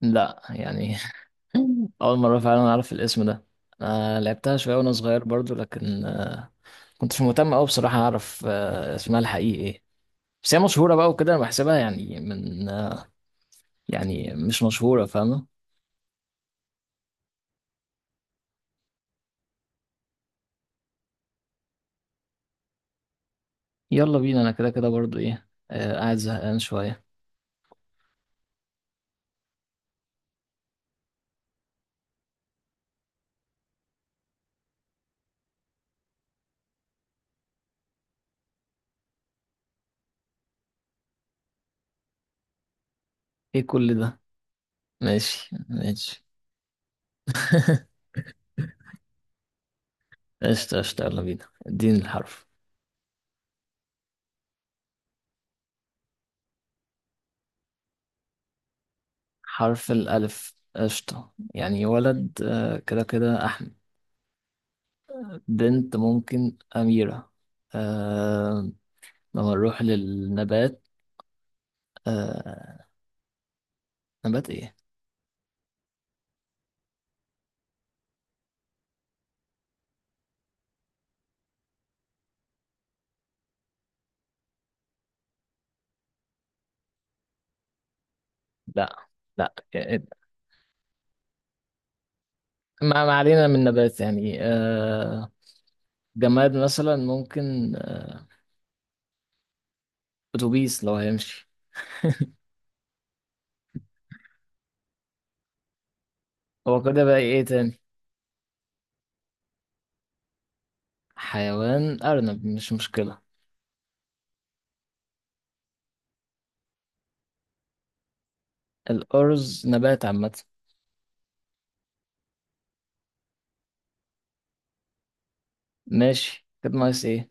لا، يعني. اول مره فعلا اعرف الاسم ده. انا لعبتها شويه وانا صغير برضو لكن كنتش مهتم قوي بصراحه اعرف اسمها الحقيقي ايه. بس هي مشهوره بقى وكده انا بحسبها يعني من يعني مش مشهوره، فاهمه. يلا بينا، انا كده كده برضو ايه، قاعد زهقان شويه. ايه كل ده؟ ماشي ماشي. قشطة قشطة، يلا بينا، اديني الحرف. حرف الألف، قشطة. يعني ولد كده كده. بنت ممكن أميرة. آه. لما نروح للنبات. آه. نبات إيه؟ لا. لا، إيه، ما علينا من نبات، يعني آه. جماد مثلا ممكن آه، أتوبيس لو هيمشي. هو كده بقى، إيه تاني؟ حيوان أرنب مش مشكلة. الأرز نبات عامة. ماشي، كده ناقص إيه؟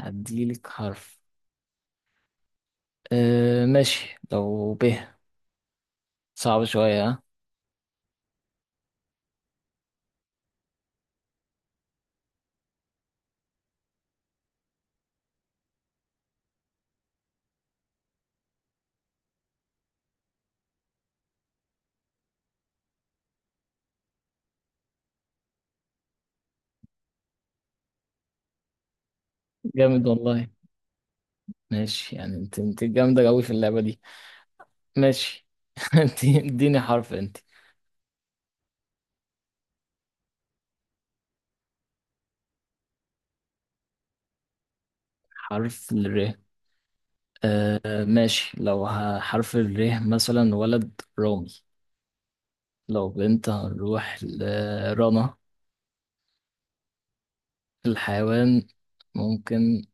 هديلك حرف. آه ماشي، لو ب. صعب شوية، ها؟ جامد والله. ماشي، يعني انت جامدة قوي في اللعبة دي. ماشي. انت اديني حرف انت. حرف الر. آه ماشي، لو حرف الر، مثلا ولد رامي. لو بنت هنروح لرنا. الحيوان ممكن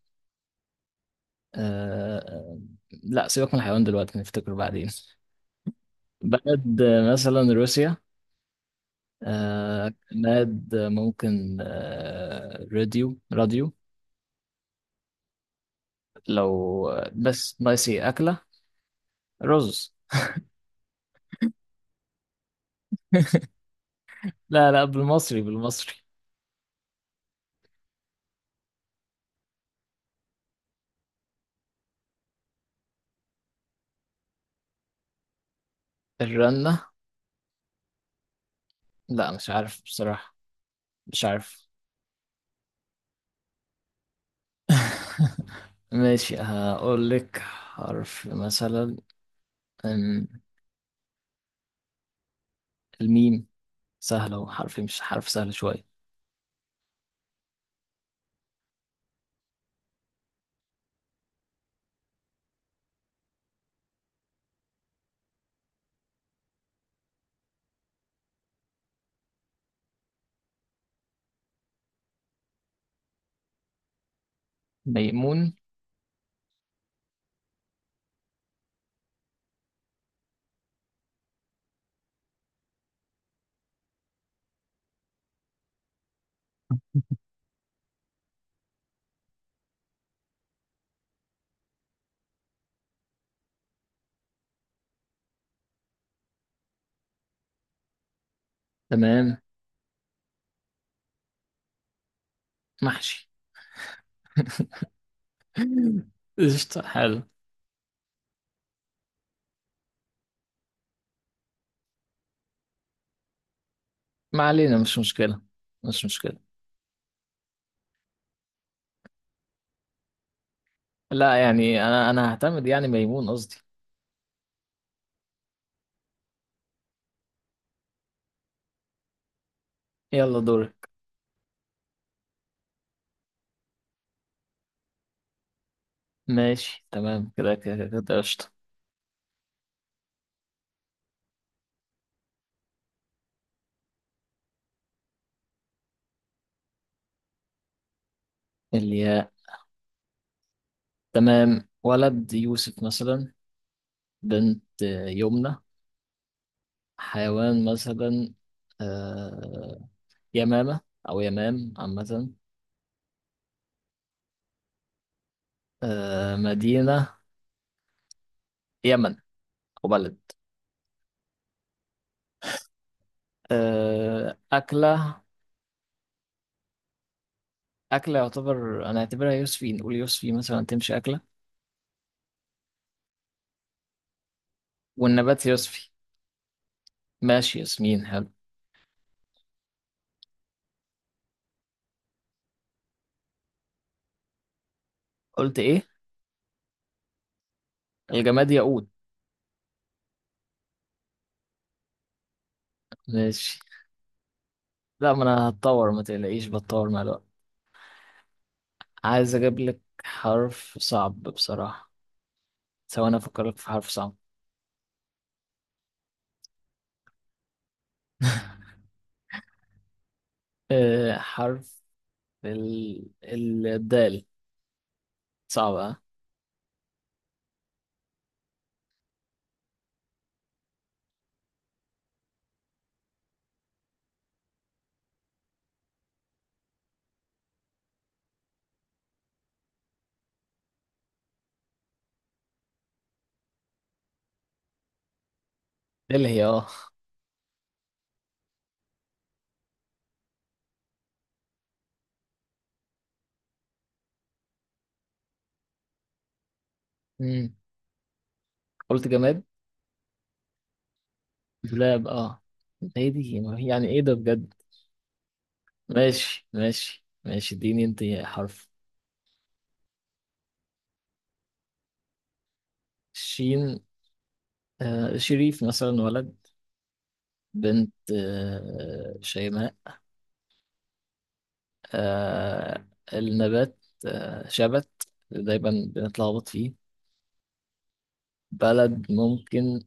آه. لا، سيبك من الحيوان دلوقتي، نفتكر بعدين. بلد مثلا روسيا. آه، بلد ممكن راديو راديو. لو بس ناقص ايه، أكلة. رز. لا لا، بالمصري بالمصري. الرنة. لا، مش عارف بصراحة. مش عارف. ماشي، هقول لك حرف مثلا. أم، الميم. سهلة، وحرف مش حرف سهل شوية. ميمون. تمام. محشي. قشطة، حلو. ما علينا، مش مشكلة. مش مشكلة. لا، يعني أنا هعتمد يعني ميمون، قصدي. يلا دورك. ماشي تمام، كده كده كده قشطة. الياء. تمام، ولد يوسف مثلا. بنت يمنى. حيوان مثلا آه، يمامة، أو يمام عامة. مدينة يمن، أو بلد. أكلة. أكلة، يعتبر أنا أعتبرها يوسفي، نقول يوسفي مثلا تمشي أكلة. والنبات يوسفي. ماشي، ياسمين حلو. قلت إيه؟ الجماد ياقوت. ماشي. لا، ما أنا هتطور، ما تقلقيش، بتطور مع الوقت. عايز أجيب لك حرف صعب بصراحة. سواء أنا أفكر لك في حرف صعب. أه، حرف الدال. صعبة، ها؟ اللي هي، اه. مم. قلت جماد دولاب، اه. هي دي، ما هي- يعني ايه ده بجد. ماشي ماشي ماشي، اديني انت حرف. شين. آه، شريف مثلا ولد. بنت شيماء. آه، النبات شبت. دايما بنتلخبط فيه. بلد ممكن،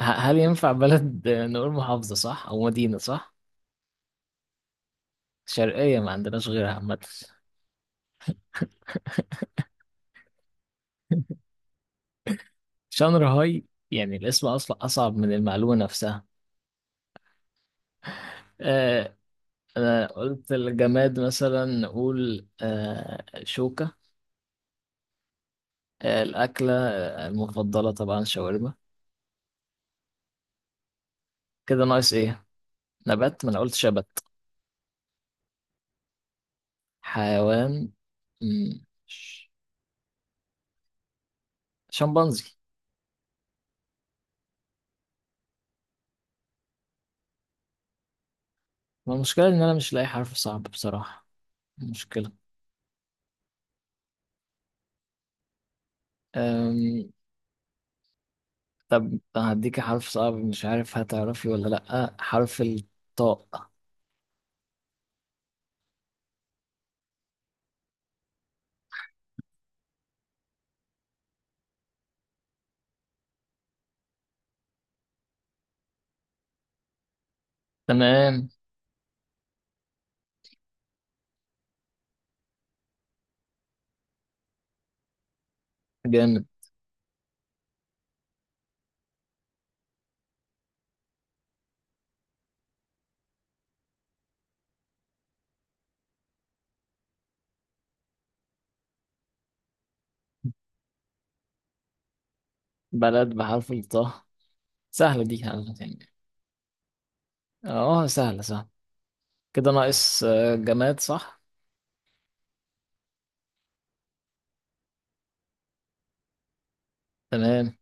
هل ينفع بلد نقول محافظة صح أو مدينة صح؟ شرقية، ما عندناش غيرها عامة. شانغهاي. يعني الاسم اصلا اصعب من المعلومه نفسها. آه، انا قلت الجماد مثلا نقول شوكه. آه، الاكله المفضله طبعا شاورما. كده ناقص ايه. نبات، ما انا قلت شبت. حيوان مم، ش- شمبانزي. ما المشكله ان انا مش لاقي حرف صعب بصراحه. مشكله. أم... طب هديك حرف صعب، مش عارف هتعرفي ولا لا، حرف الطاء. تمام. جامد. بلد بحرف الطاء. سهلة، دي سهلة يعني. اه، سهلة سهلة. كده ناقص جماد صح. تمام.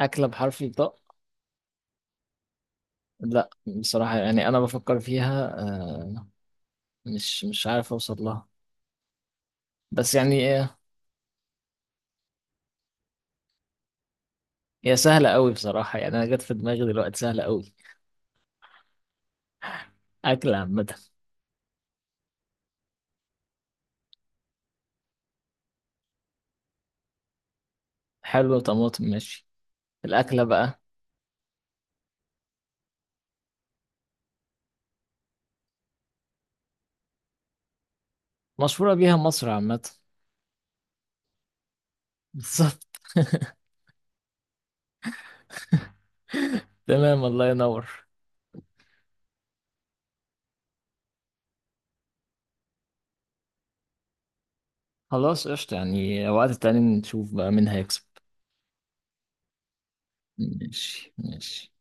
أكلة بحرف الطاء. لا. بصراحة، يعني أنا بفكر فيها مش عارف أوصل لها. بس يعني هي سهلة أوي بصراحة، يعني أنا جت في دماغي دلوقتي سهلة أوي. أكلة عامة. حلو، طماطم ماشي. الأكلة بقى. مشهورة بيها مصر عامة. بالظبط. تمام، الله ينور. خلاص قشطة، يعني وقت تاني نشوف بقى مين هيكسب. ماشي ماشي.